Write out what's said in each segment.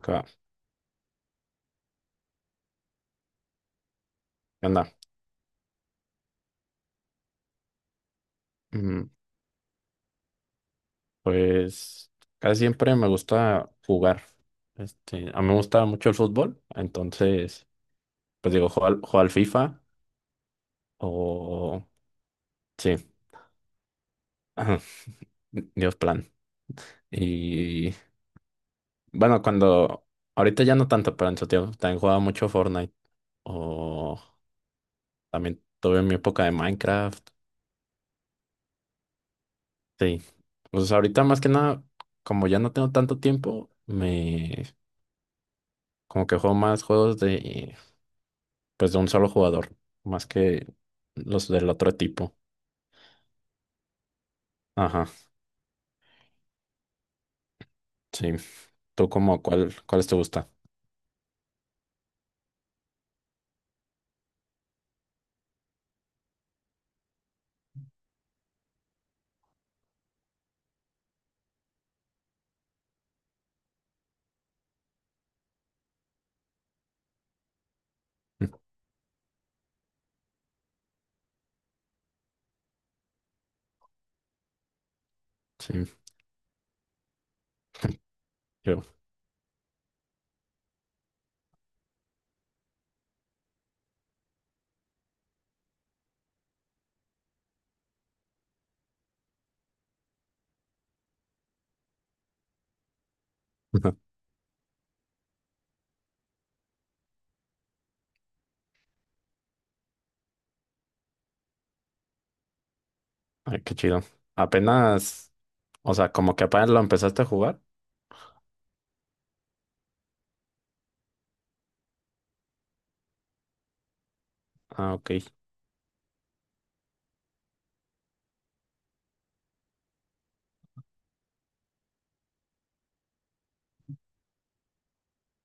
Ca- ¿Qué onda? Mm, Pues casi siempre me gusta jugar. Este, a mí me gusta mucho el fútbol, entonces, pues digo, juego al FIFA o... Sí, ajá, Dios plan. Y bueno, cuando... Ahorita ya no tanto, pero en su tiempo también jugaba mucho Fortnite o también tuve mi época de Minecraft. Sí, pues ahorita más que nada, como ya no tengo tanto tiempo, me... Como que juego más juegos de... pues de un solo jugador, más que los del otro tipo. Ajá, sí. ¿Tú como cuáles te gusta? Sí, yo. Ay, qué chido. Apenas, o sea, como que apenas lo empezaste a jugar. Ah, ok,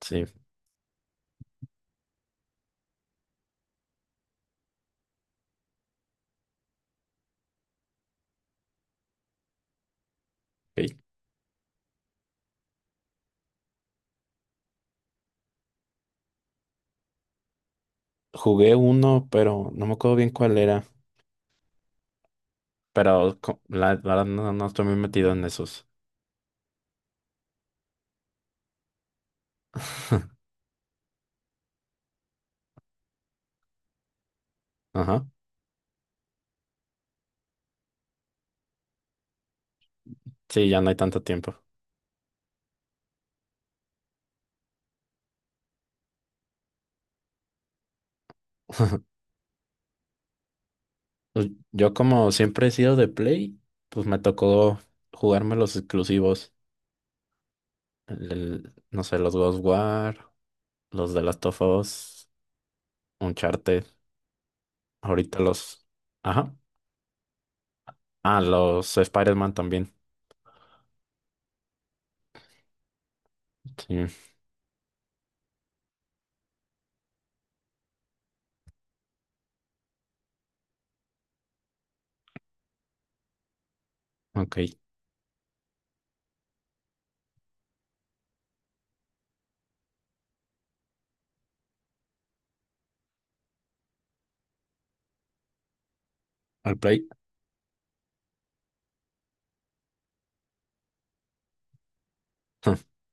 sí. Ok. Jugué uno, pero no me acuerdo bien cuál era. Pero la verdad no, no estoy muy metido en esos. Ajá. Sí, ya no hay tanto tiempo. Pues, yo como siempre he sido de Play, pues me tocó jugarme los exclusivos. No sé, los Ghostwire, los de Last of Us, Uncharted, ahorita los... Ajá. Ah, los Spider-Man también. Sí, ok. Al Play.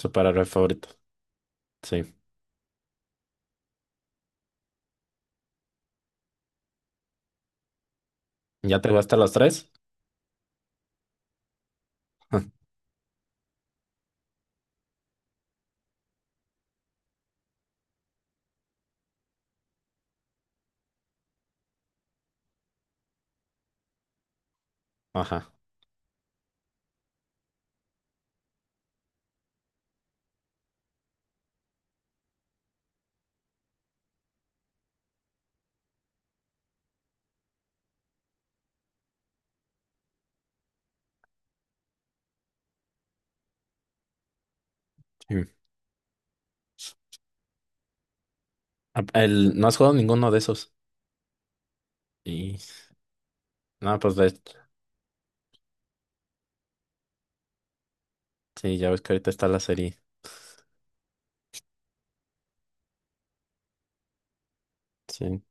Superhéroe favorito. Sí. ¿Ya te gasté los tres? Ajá. Sí. Ah, el, no has jugado ninguno de esos. Y... No, pues de... Sí, ya ves que ahorita está la serie. Sí.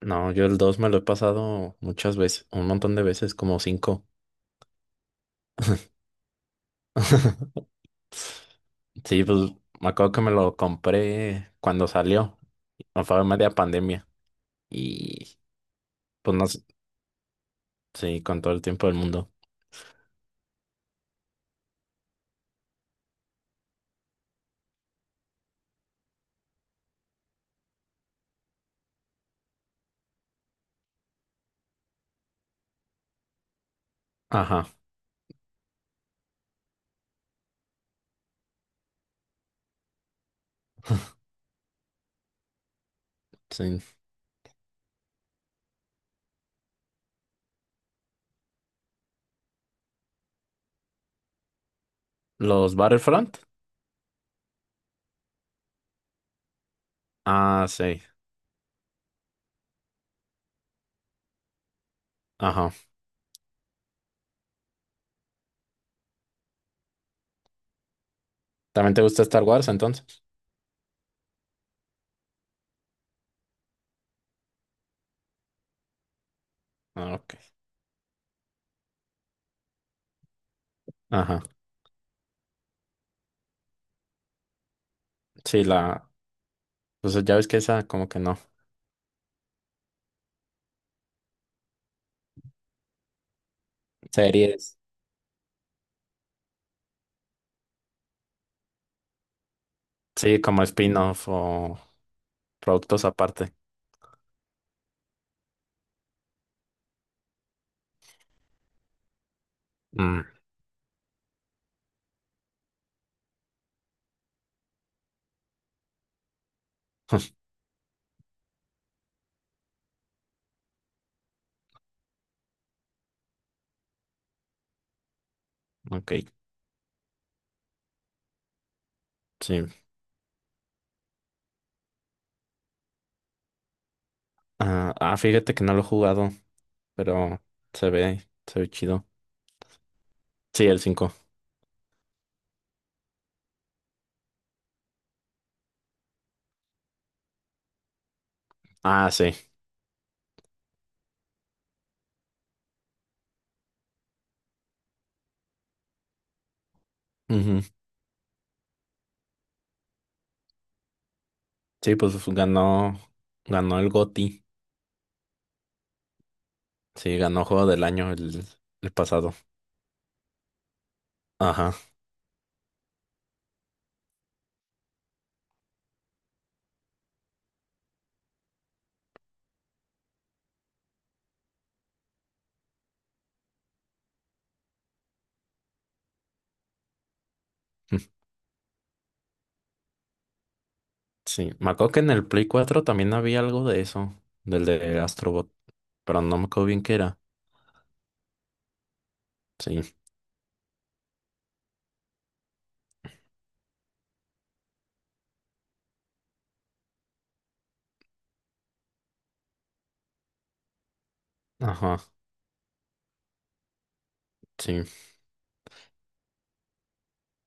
No, yo el 2 me lo he pasado muchas veces, un montón de veces, como cinco. Sí, pues me acuerdo que me lo compré cuando salió, o fue en media pandemia. Y pues no sé, sí, con todo el tiempo del mundo. Ajá, sí. ¿Los Battlefront? Ah, sí, ajá. ¿También te gusta Star Wars entonces? Ah, ok. Ajá. Sí, la. Pues ya ves que esa, como que no. Series. Sí, como spin-off o productos aparte. Mm, ok, sí. Ah, ah, fíjate que no lo he jugado, pero se ve chido. Sí, el cinco. Ah, sí. Ujú. Sí, ganó el GOTY. Sí, ganó Juego del Año el pasado. Ajá. Sí, me acuerdo que en el Play 4 también había algo de eso, del de Astrobot, pero no me acuerdo bien qué era. Sí, ajá, sí,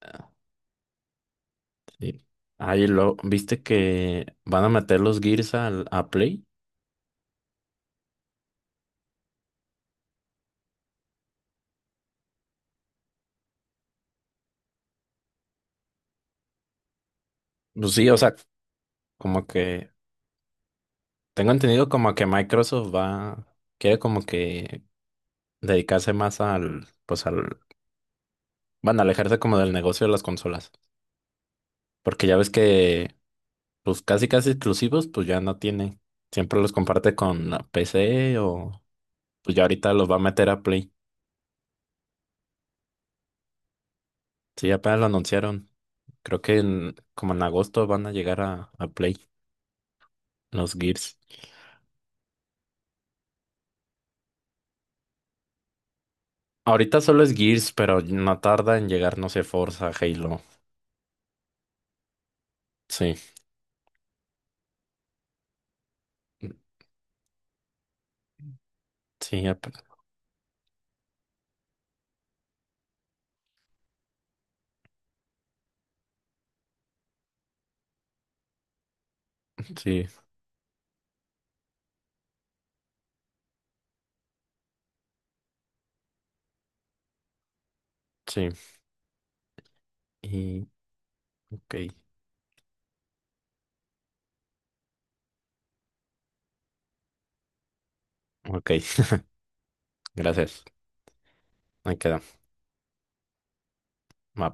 ah, sí. Ahí lo, ¿viste que van a meter los Gears al, a Play? Pues sí, o sea, como que tengo entendido como que Microsoft va, quiere como que dedicarse más al, pues al, van a alejarse como del negocio de las consolas. Porque ya ves que, pues casi casi exclusivos, pues ya no tiene. Siempre los comparte con la PC o pues ya ahorita los va a meter a Play. Sí, apenas lo anunciaron. Creo que como en agosto van a llegar a Play los Gears. Ahorita solo es Gears, pero no tarda en llegar, no sé, Forza, Halo. Sí, sí, sí, sí. Y, ok, ok, gracias. Ahí queda. Va.